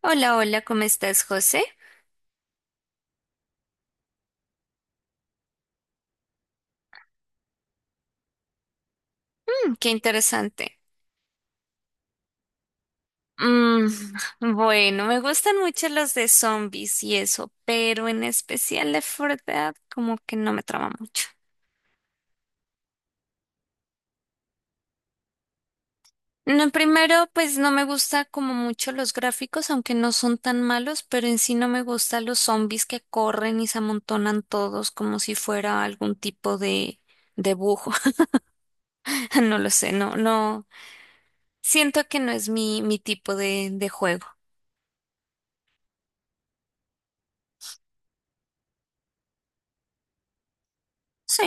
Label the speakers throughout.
Speaker 1: Hola, hola, ¿cómo estás, José? Mm, qué interesante. Mm, bueno, me gustan mucho los de zombies y eso, pero en especial de verdad como que no me trama mucho. No, primero, pues no me gusta como mucho los gráficos, aunque no son tan malos, pero en sí no me gustan los zombies que corren y se amontonan todos como si fuera algún tipo de bujo. No lo sé, no, no. Siento que no es mi tipo de juego. Sí.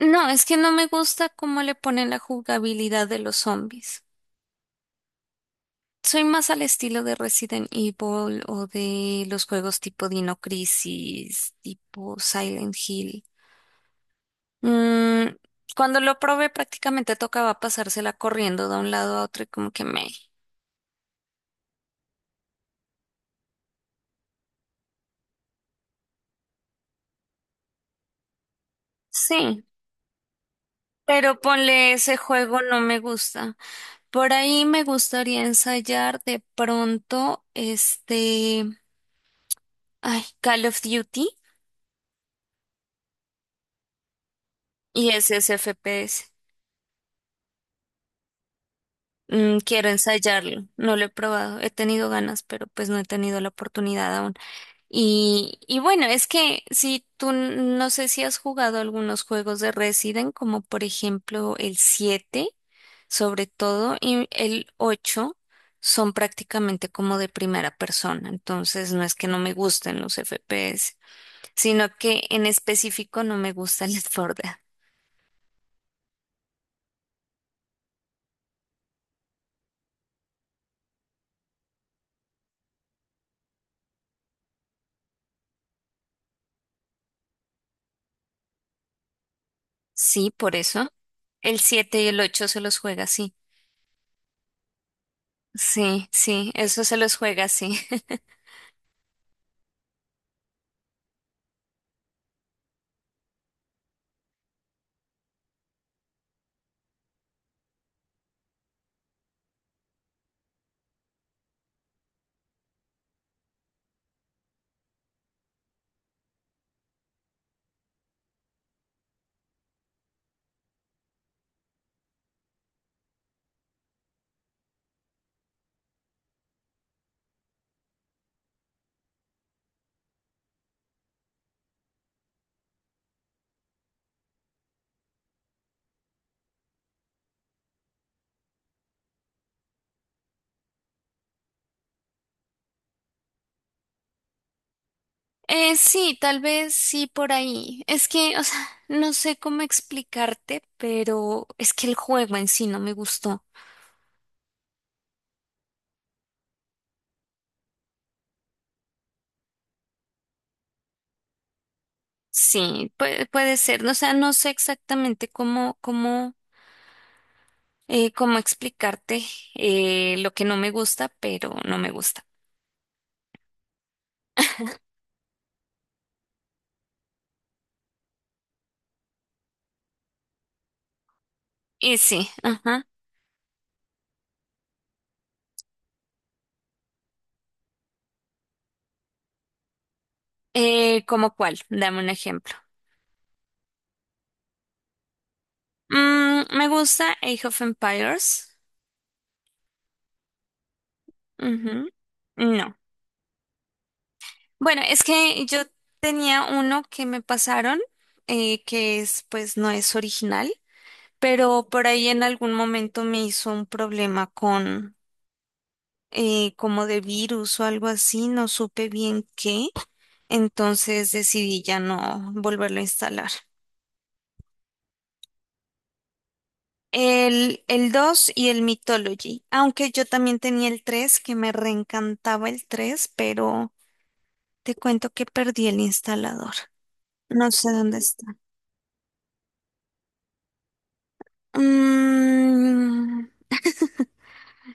Speaker 1: No, es que no me gusta cómo le ponen la jugabilidad de los zombies. Soy más al estilo de Resident Evil o de los juegos tipo Dino Crisis, tipo Silent Hill. Mm, cuando lo probé prácticamente tocaba pasársela corriendo de un lado a otro y como que me... Sí, pero ponle ese juego no me gusta. Por ahí me gustaría ensayar de pronto Ay, Call of Duty y ese es FPS. Mm, quiero ensayarlo, no lo he probado, he tenido ganas, pero pues no he tenido la oportunidad aún. Y bueno, es que si tú no sé si has jugado algunos juegos de Resident, como por ejemplo el 7, sobre todo, y el 8, son prácticamente como de primera persona, entonces no es que no me gusten los FPS, sino que en específico no me gusta el Forda. Sí, por eso. El 7 y el 8 se los juega así. Sí, sí, eso se los juega, sí. Sí, tal vez sí por ahí. Es que, o sea, no sé cómo explicarte, pero es que el juego en sí no me gustó. Sí, puede, puede ser. No, o sea, no sé exactamente cómo, cómo, cómo explicarte lo que no me gusta, pero no me gusta. Y sí, ajá. ¿Cómo cuál? Dame un ejemplo. Mm, me gusta Age of Empires. Ujú. No. Bueno, es que yo tenía uno que me pasaron, que es, pues no es original, pero por ahí en algún momento me hizo un problema con como de virus o algo así, no supe bien qué, entonces decidí ya no volverlo a instalar. El 2 y el Mythology, aunque yo también tenía el 3 que me reencantaba el 3, pero te cuento que perdí el instalador. No sé dónde está. Mm,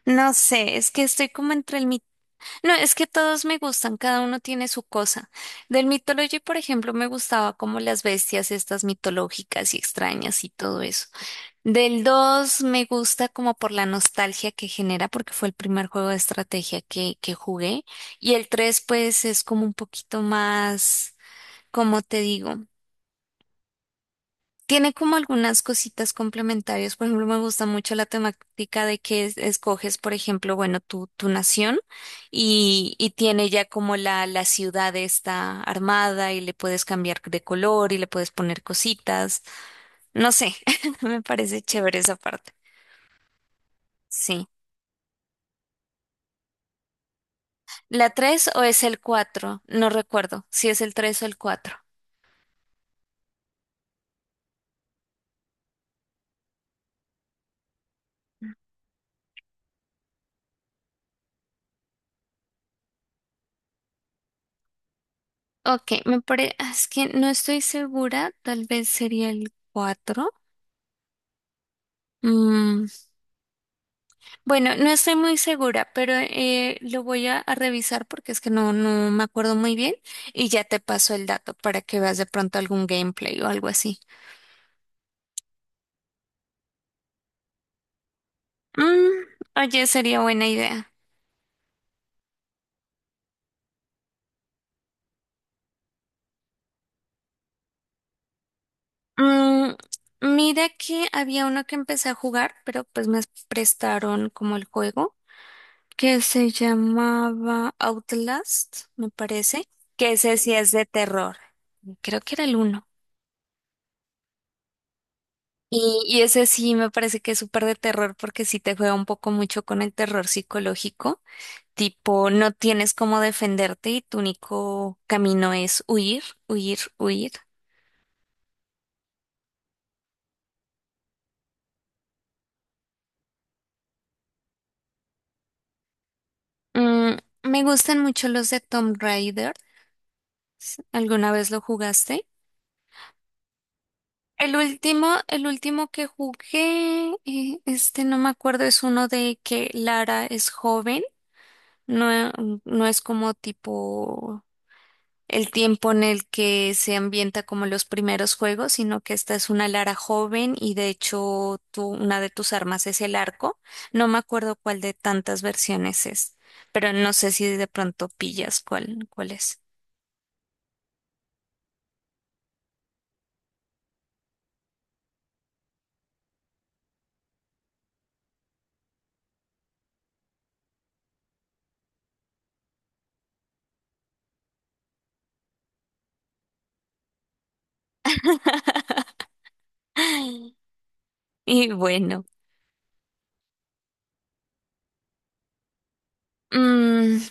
Speaker 1: No sé, es que estoy como entre el mito. No, es que todos me gustan, cada uno tiene su cosa. Del Mythology, por ejemplo, me gustaba como las bestias estas mitológicas y extrañas y todo eso. Del 2 me gusta como por la nostalgia que genera, porque fue el primer juego de estrategia que jugué. Y el 3, pues es como un poquito más, ¿como te digo? Tiene como algunas cositas complementarias. Por ejemplo, me gusta mucho la temática de que escoges, por ejemplo, bueno, tu nación y tiene ya como la ciudad está armada y le puedes cambiar de color y le puedes poner cositas. No sé, me parece chévere esa parte. Sí. ¿La 3 o es el cuatro? No recuerdo si es el 3 o el cuatro. Ok, me parece, es que no estoy segura, tal vez sería el 4. Mm, Bueno, no estoy muy segura, pero lo voy a revisar porque es que no, no me acuerdo muy bien y ya te paso el dato para que veas de pronto algún gameplay o algo así. Mm, oye, sería buena idea. Mm, mira que había uno que empecé a jugar, pero pues me prestaron como el juego, que se llamaba Outlast, me parece, que ese sí es de terror. Creo que era el uno. Y ese sí me parece que es súper de terror porque sí te juega un poco mucho con el terror psicológico, tipo no tienes cómo defenderte y tu único camino es huir, huir, huir. Mm, me gustan mucho los de Tomb Raider. ¿Alguna vez lo jugaste? El último que jugué, este no me acuerdo, es uno de que Lara es joven, no, no es como tipo el tiempo en el que se ambienta como los primeros juegos, sino que esta es una Lara joven y de hecho una de tus armas es el arco. No me acuerdo cuál de tantas versiones es, pero no sé si de pronto pillas cuál, cuál es. Y bueno, mm,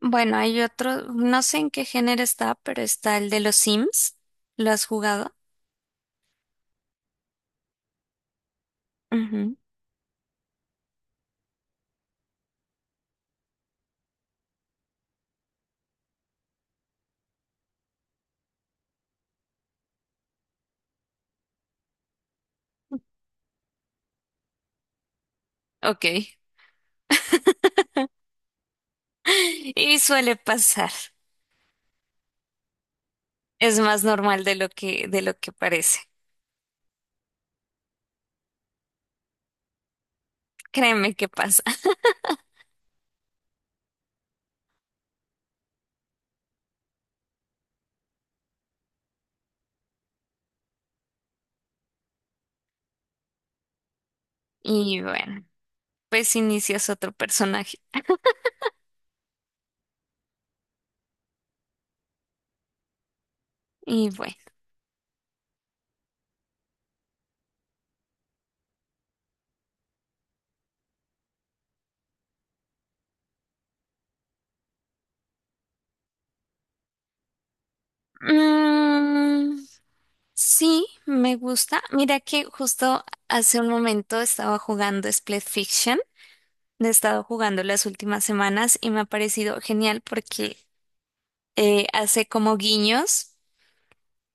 Speaker 1: bueno, hay otro, no sé en qué género está, pero está el de los Sims. ¿Lo has jugado? Ujú. Ok. Y suele pasar. Es más normal de lo que parece. Créeme qué pasa. Y bueno, pues inicias otro personaje. Y bueno. mm, sí, me gusta. Mira que justo hace un momento estaba jugando Split Fiction. He estado jugando las últimas semanas y me ha parecido genial porque hace como guiños.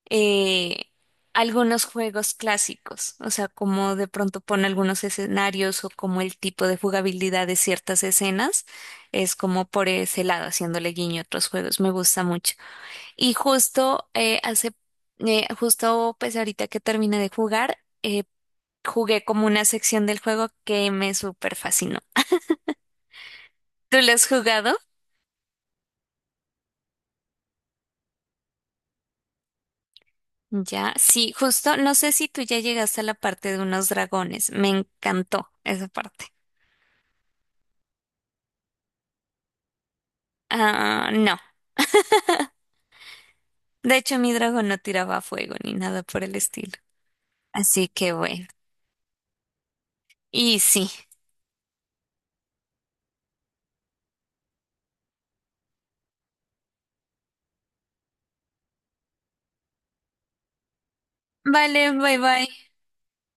Speaker 1: eh, algunos juegos clásicos, o sea, como de pronto pone algunos escenarios o como el tipo de jugabilidad de ciertas escenas, es como por ese lado, haciéndole guiño a otros juegos, me gusta mucho. Y justo eh, hace, justo pues ahorita que terminé de jugar, jugué como una sección del juego que me súper fascinó. ¿Tú lo has jugado? Ya, sí, justo, no sé si tú ya llegaste a la parte de unos dragones, me encantó esa parte. Ah, no. De hecho, mi dragón no tiraba fuego ni nada por el estilo. Así que bueno. Y sí. Vale, bye bye.